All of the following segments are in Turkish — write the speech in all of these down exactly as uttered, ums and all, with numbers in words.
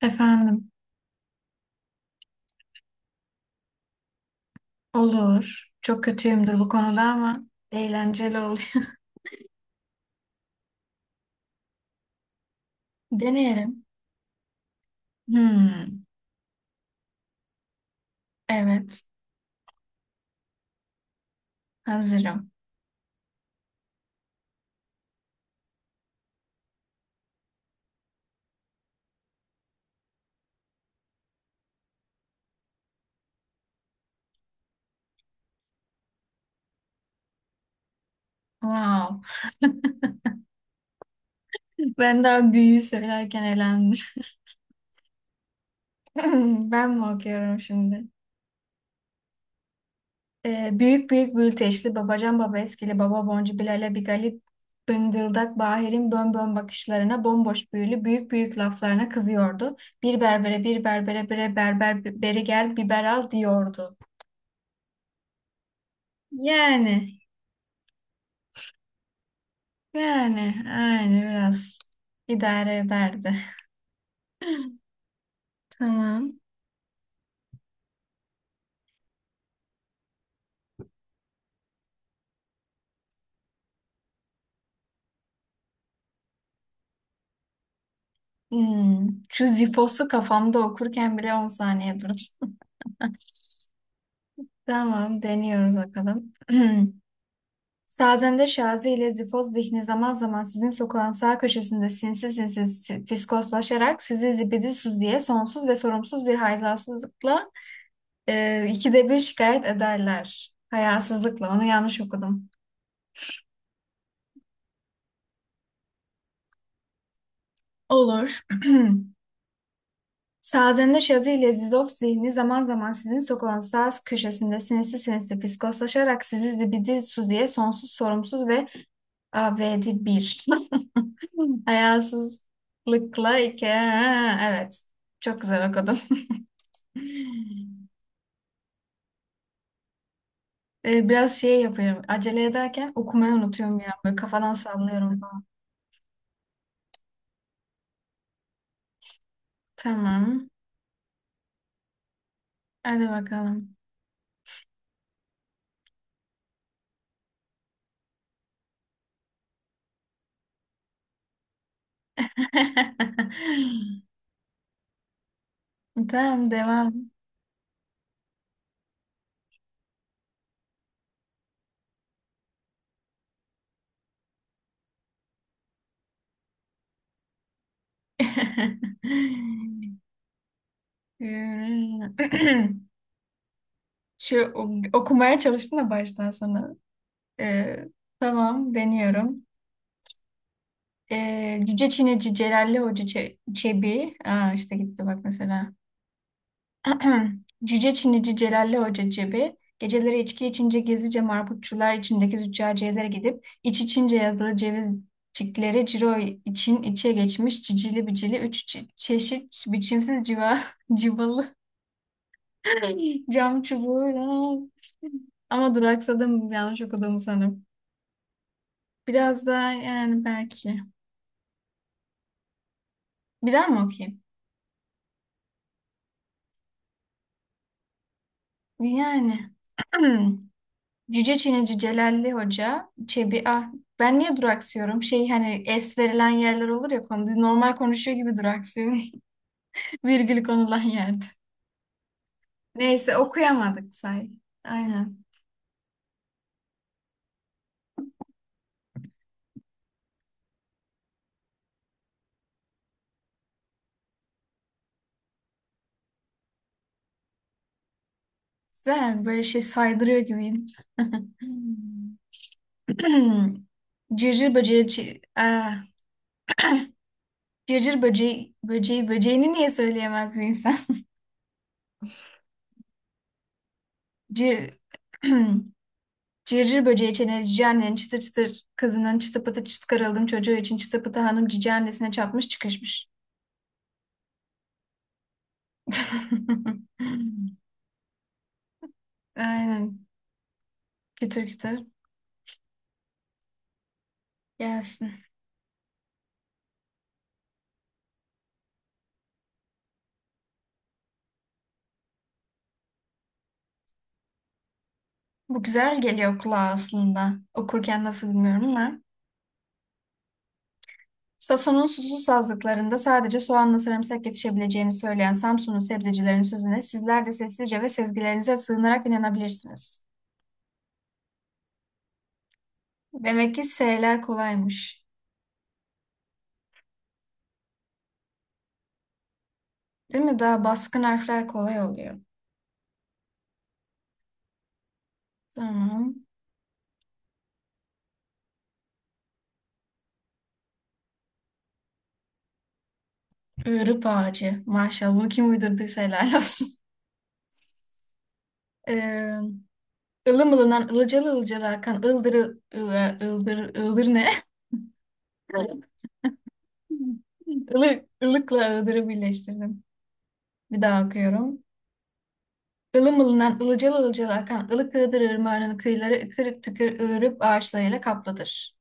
Efendim, olur. Çok kötüyümdür bu konuda ama eğlenceli oluyor. Deneyelim. Hmm, evet, hazırım. Wow. Ben daha büyüğü söylerken eğlendim. Ben mi okuyorum şimdi? Ee, büyük büyük bülteşli babacan baba eskili baba boncu Bilal'e bir galip bıngıldak Bahir'in bönbön bakışlarına bomboş büyülü büyük büyük laflarına kızıyordu. Bir berbere bir berbere bire berber beri gel biber al diyordu. Yani Yani aynı biraz idare ederdi. Tamam. Hmm. Şu Zifos'u kafamda okurken bile on saniye durdum. Tamam, deniyoruz bakalım. Sazende Şazi ile Zifoz zihni zaman zaman sizin sokağın sağ köşesinde sinsi sinsi si- fiskoslaşarak sizi zibidi suziye sonsuz ve sorumsuz bir hayasızlıkla e, ikide bir şikayet ederler. Hayasızlıkla, onu yanlış okudum. Olur. Sazende Şazı ile Zizov zihni zaman zaman sizin sokulan saz köşesinde sinsi sinsi fiskoslaşarak sizi zibidi suziye sonsuz sorumsuz ve avedi bir. Hayasızlıkla iki. Ha, Evet. Çok güzel okudum. Ee, biraz şey yapıyorum. Acele ederken okumayı unutuyorum ya. Böyle kafadan sallıyorum falan. Tamam. Hadi bakalım. Tamam devam. Şu okumaya çalıştın da baştan sona. Ee, tamam deniyorum. Ee, Cüce Çinici Celalli Hoca Çe- Çebi. Aa, işte gitti bak mesela. Cüce Çinici Celalli Hoca Çebi. Geceleri içki içince gizlice marputçular içindeki züccaciyelere gidip iç içince yazılı cevizcikleri ciro için içe geçmiş cicili bicili üç çe- çeşit biçimsiz civa civalı cam çubuğu ama duraksadım yanlış okuduğumu sanırım. Biraz daha yani belki. Bir daha mı okuyayım? Yani. Hmm. Yüce Çinici Celalli Hoca, Çebi ah ben niye duraksıyorum? Şey hani es verilen yerler olur ya konu normal konuşuyor gibi duraksıyorum. Virgül konulan yerde. Neyse okuyamadık say. Aynen. Güzel böyle şey saydırıyor gibiydi. Hmm. Cırcır böceği çi- ah, cırcır böceği böceği böceğini niye söyleyemez bir insan? Cır Cırcır böceği çeneli cici annenin çıtır çıtır kızının çıtı pıtı çıt karaldım çocuğu için çıtı pıtı hanım cici annesine çatmış çıkışmış. Aynen. Kütür kütür gelsin. Bu güzel geliyor kulağa aslında. Okurken nasıl bilmiyorum ama. Sason'un susuz sazlıklarında sadece soğanla sarımsak yetişebileceğini söyleyen Samsun'un sebzecilerin sözüne sizler de sessizce ve sezgilerinize sığınarak inanabilirsiniz. Demek ki S'ler kolaymış. Değil mi? Daha baskın harfler kolay oluyor. Tamam. Iğrıp ağacı. Maşallah bunu kim uydurduysa helal olsun. Ee, ılım ılınan ılıcalı ılıcalı akan ıldır ıldır ıldır ıldır ne? Ilık, ılıkla ıldırı birleştirdim. Bir daha okuyorum. Ilım ılınan ılıcalı ılıcalı akan ılık ığdır ırmağının kıyıları kırık tıkır ığırıp ağaçlarıyla kaplıdır.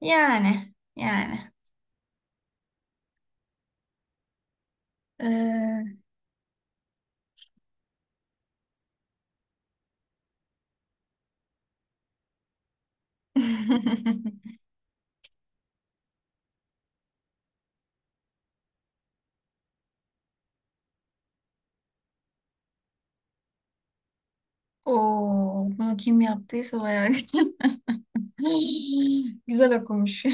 Yani yani. Ee... Oo, bunu kim yaptıysa bayağı güzel okumuş.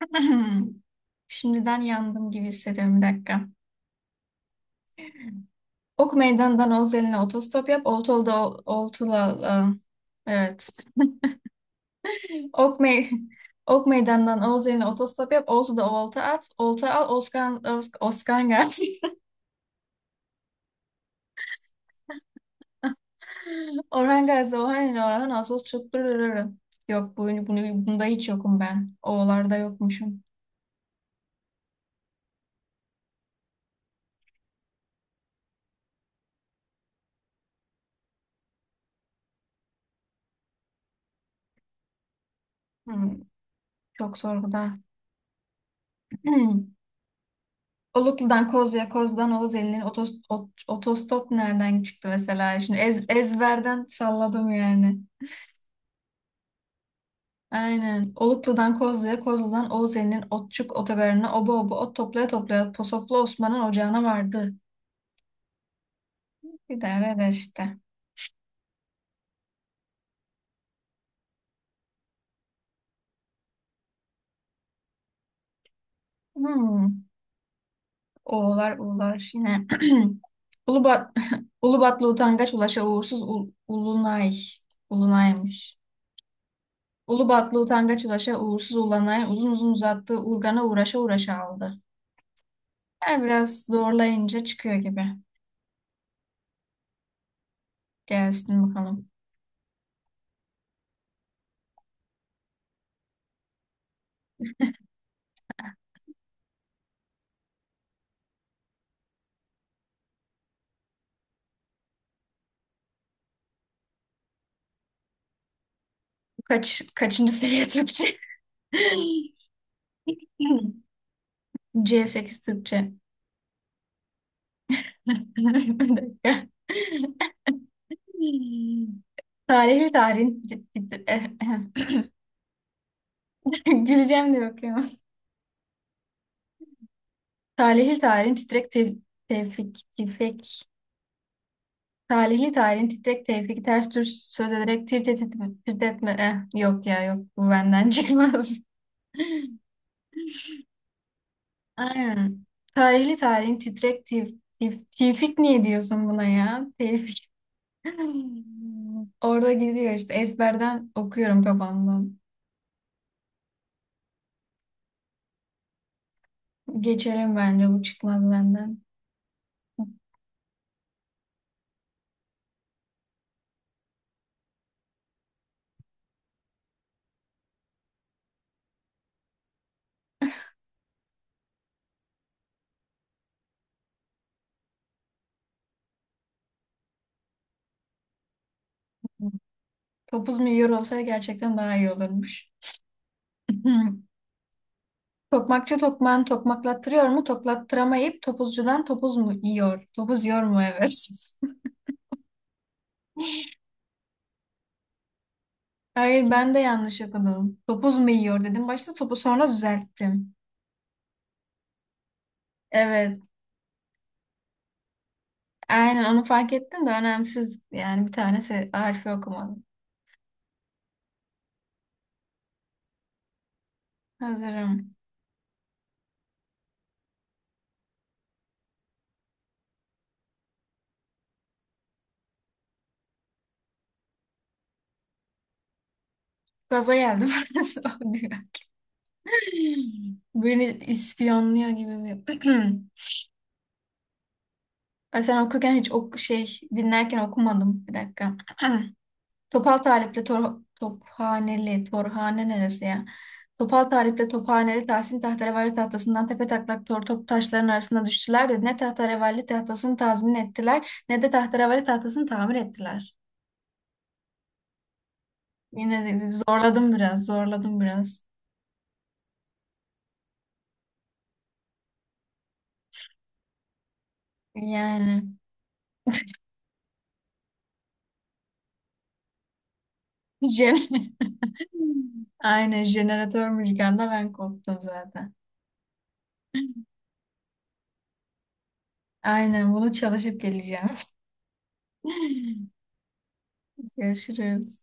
Şimdiden yandım gibi hissediyorum bir dakika. Ok Meydan'dan Oğuz otostop yap. Oltolu'da ol- Oltula aa, evet. Ok Mey Ok Meydan'dan Oğuz otostop yap. Oltu'da olta at. Olta al. Oskan Os Oskan Gazi. Orhan Gazi, Orhan ile Orhan Ağustos çok. Yok bu, bunu, bunda hiç yokum ben. O'larda yokmuşum. Hmm, çok zor bu da. Oluklu'dan Kozlu'ya, Kozlu'dan Oğuz Eli'nin otos- ot- otostop nereden çıktı mesela? Şimdi ez, ezberden salladım yani. Aynen. Oluklu'dan Kozlu'ya, Kozlu'dan Oğuz Eli'nin otçuk otogarına oba oba ot toplaya toplaya Posoflu Osman'ın ocağına vardı. Bir de öyle işte. Hmm. Oğlar uğlar yine. Ulubat Ulubatlı utangaç ulaşa uğursuz ul- ulunay. Ulunaymış. Ulubatlı utangaç ulaşa uğursuz ulanay uzun uzun uzattığı urgana uğraşa uğraşa aldı. Yani biraz zorlayınca çıkıyor gibi. Gelsin bakalım. Kaç, kaçıncı seviye Türkçe? C sekiz Türkçe. Bir dakika. Tarihi tarihin tit- tit- eh, eh. Güleceğim de bakıyorum. Tarihi tarihin titrek te tevfik tevfik. Tarihi tarihin titrek tevfik ters tür söz ederek tirt et- tirt etme. Eh, yok ya yok bu benden çıkmaz. Aynen. Tarihli tarihin titrek tif, tif- tifik niye diyorsun buna ya? Tevfik. Orada gidiyor işte ezberden okuyorum kafamdan. Geçelim bence bu çıkmaz benden. Topuz milyon olsa gerçekten daha iyi olurmuş. Tokmakçı tokmağını tokmaklattırıyor mu? Toklattıramayıp topuzcudan topuz mu yiyor? Topuz yiyor mu? Evet. Hayır ben de yanlış okudum. Topuz mu yiyor dedim. Başta topu sonra düzelttim. Evet. Aynen onu fark ettim de önemsiz. Yani bir tane se- harfi okumadım. Hazırım. Gaza geldim. Nasıl oluyor? Beni ispiyonluyor gibi mi? Ay, Sen okurken hiç ok şey dinlerken okumadım. Bir dakika. Topal Talip'le Tor Tophaneli, Torhane neresi ya? Topal Talip'le Tophaneli Tahsin Tahterevalli tahtasından tepe taklak tor top taşların arasında düştüler de ne Tahterevalli tahtasını tazmin ettiler ne de Tahterevalli tahtasını tamir ettiler. Yine de zorladım biraz, zorladım biraz. Yani. Jen- Aynen jeneratör müzikanda ben koptum zaten. Aynen bunu çalışıp geleceğim. Görüşürüz.